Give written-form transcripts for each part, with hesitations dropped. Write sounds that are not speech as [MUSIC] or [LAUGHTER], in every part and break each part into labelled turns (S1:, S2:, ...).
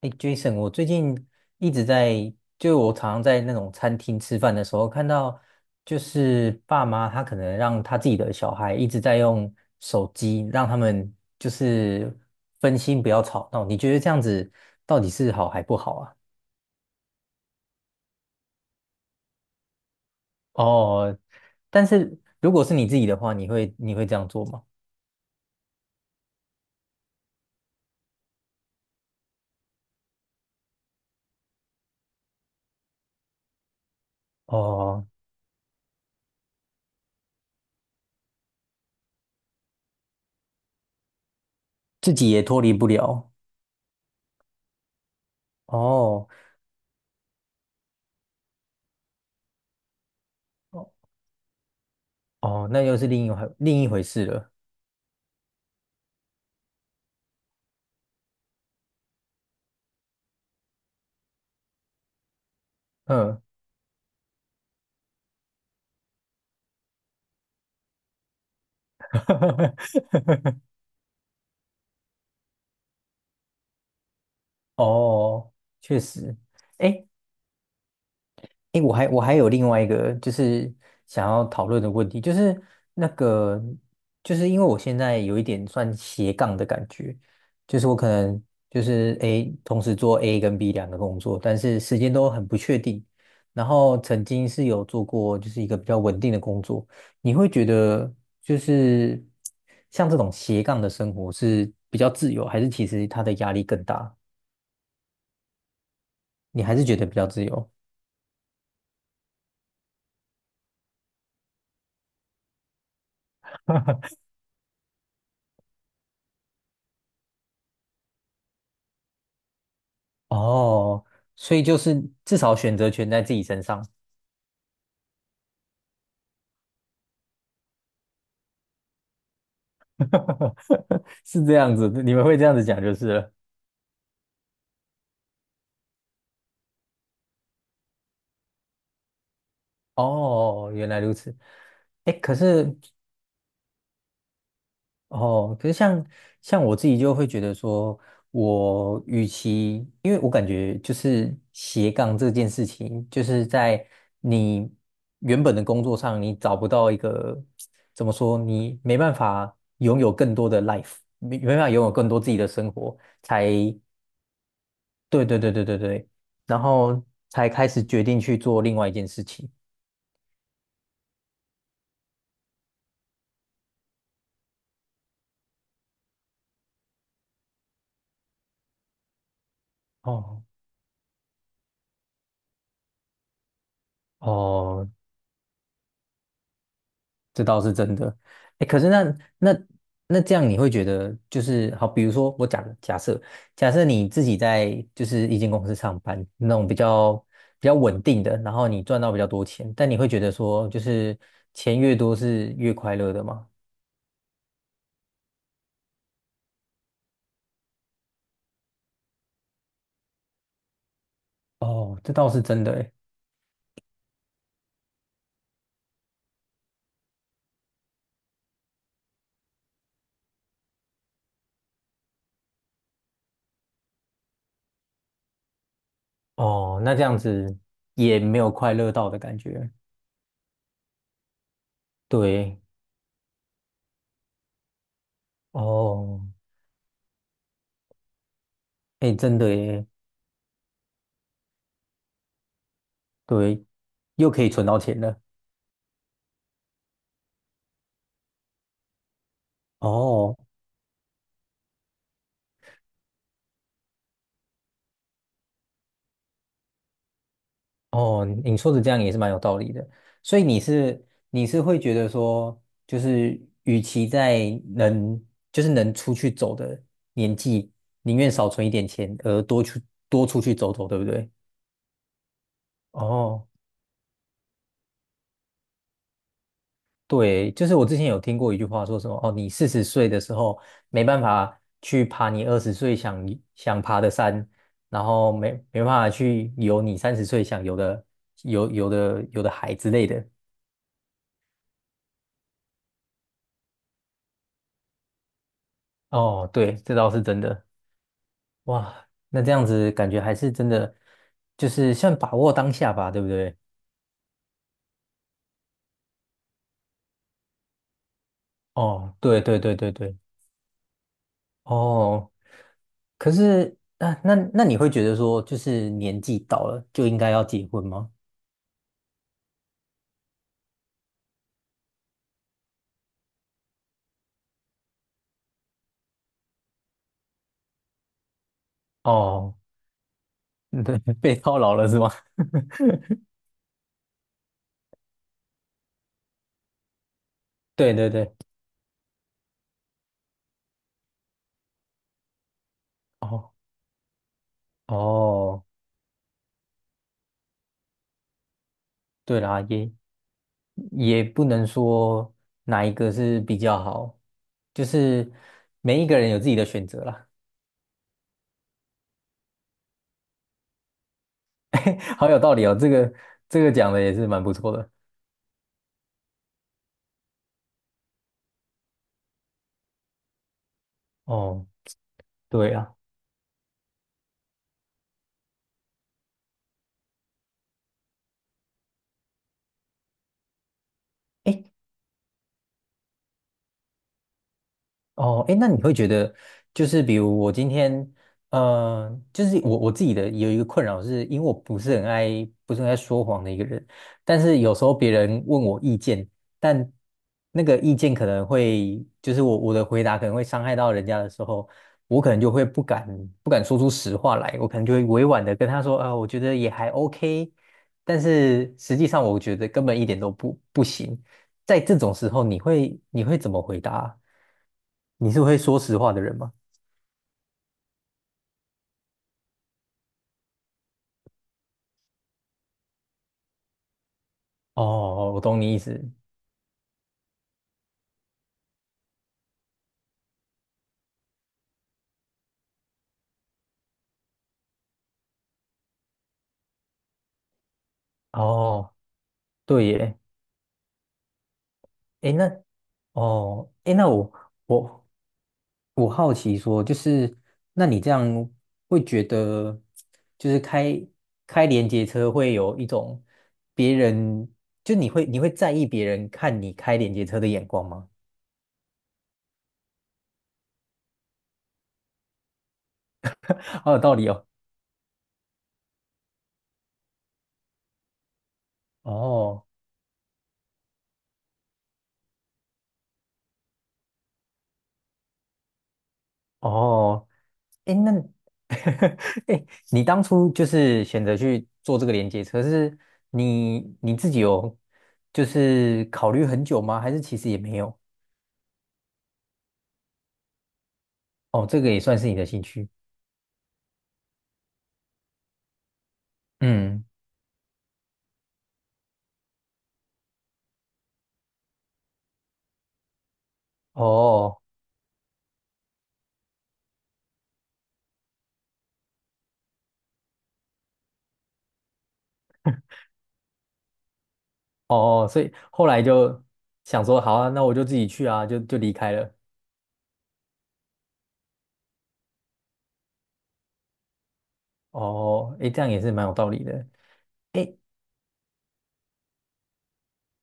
S1: 哎，Jason，我最近一直在，就我常常在那种餐厅吃饭的时候，看到就是爸妈他可能让他自己的小孩一直在用手机，让他们就是分心不要吵闹。你觉得这样子到底是好还不好啊？哦，但是如果是你自己的话，你会这样做吗？哦，自己也脱离不了。哦哦，那又是另一回事了。嗯，[LAUGHS] 哦，确实，哎哎，我还有另外一个就是想要讨论的问题，就是那个就是因为我现在有一点算斜杠的感觉，就是我可能就是 A 同时做 A 跟 B 两个工作，但是时间都很不确定。然后曾经是有做过就是一个比较稳定的工作，你会觉得就是像这种斜杠的生活是比较自由，还是其实它的压力更大？你还是觉得比较自由？[LAUGHS] 哦，所以就是至少选择权在自己身上。[LAUGHS] 是这样子，你们会这样子讲就是了。哦，原来如此。哎，可是哦，可是像我自己就会觉得说，我与其，因为我感觉就是斜杠这件事情，就是在你原本的工作上，你找不到一个怎么说，你没办法拥有更多的 life，没办法拥有更多自己的生活，才对对对对对对，然后才开始决定去做另外一件事情。哦哦，这倒是真的。哎，可是那那这样你会觉得就是好，比如说我假设你自己在就是一间公司上班那种比较稳定的，然后你赚到比较多钱，但你会觉得说就是钱越多是越快乐的吗？哦，这倒是真的诶。哦，那这样子也没有快乐到的感觉。对，哦。哎，真的耶，对，又可以存到钱了。哦哦，你说的这样也是蛮有道理的。所以你是会觉得说，就是与其能就是能出去走的年纪，宁愿少存一点钱，而多出去走走，对不对？哦。对，就是我之前有听过一句话，说什么哦，你四十岁的时候没办法去爬你二十岁想爬的山，然后没办法去游你三十岁想游的海之类的。哦，对，这倒是真的。哇，那这样子感觉还是真的，就是算把握当下吧，对不对？哦，对对对对对，哦，可是那你会觉得说，就是年纪到了就应该要结婚吗？哦。[LAUGHS] 对，被套牢了是吗？[LAUGHS] 对对对，哦哦，对啦，也不能说哪一个是比较好，就是每一个人有自己的选择啦。[LAUGHS] 好有道理哦，这个讲的也是蛮不错的。哦，对啊，哎哦，哎，那你会觉得，就是比如我今天，就是我自己的有一个困扰是，因为我不是很爱，说谎的一个人，但是有时候别人问我意见，但那个意见可能会，就是我的回答可能会伤害到人家的时候，我可能就会不敢说出实话来，我可能就会委婉的跟他说，啊、我觉得也还 OK，但是实际上我觉得根本一点都不行，在这种时候，你会怎么回答啊你是会说实话的人吗？哦，我懂你意思。哦，对耶。诶，那，哦，诶，那我我好奇说，就是那你这样会觉得，就是开连接车会有一种别人，就你会在意别人看你开连接车的眼光吗？[LAUGHS] 好有道理哦。哦哦，诶，那 [LAUGHS] 哎，你当初就是选择去做这个连接车，是你自己有就是考虑很久吗？还是其实也没有？哦，这个也算是你的兴趣。嗯，哦哦，所以后来就想说，好啊，那我就自己去啊，就离开了。哦，哎，这样也是蛮有道理的。哎，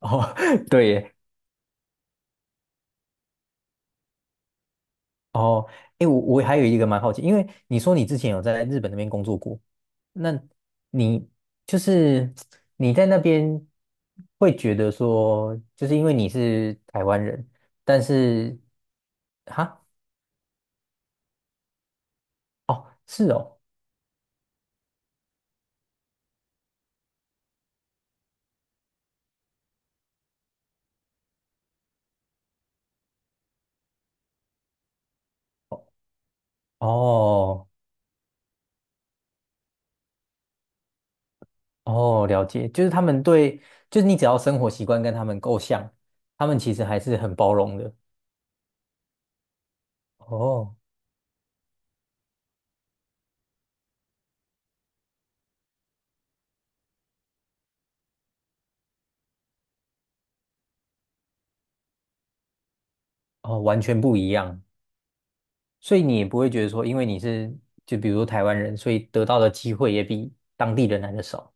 S1: 哦，[LAUGHS] 对耶哦，诶，我还有一个蛮好奇，因为你说你之前有在日本那边工作过，那你就是你在那边会觉得说，就是因为你是台湾人，但是哈，哦，是哦，哦哦，了解，就是他们对，就是你只要生活习惯跟他们够像，他们其实还是很包容的，哦哦，完全不一样。所以你也不会觉得说，因为你是就比如说台湾人，所以得到的机会也比当地人来的少。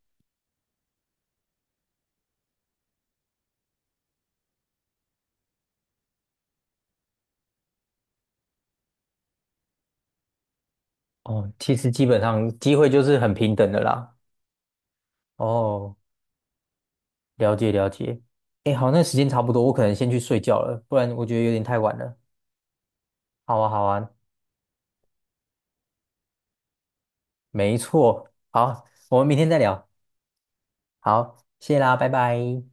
S1: 哦，其实基本上机会就是很平等的啦。哦，了解了解。哎，好，那时间差不多，我可能先去睡觉了，不然我觉得有点太晚了。好啊，好啊，没错。好，我们明天再聊。好，谢啦，拜拜。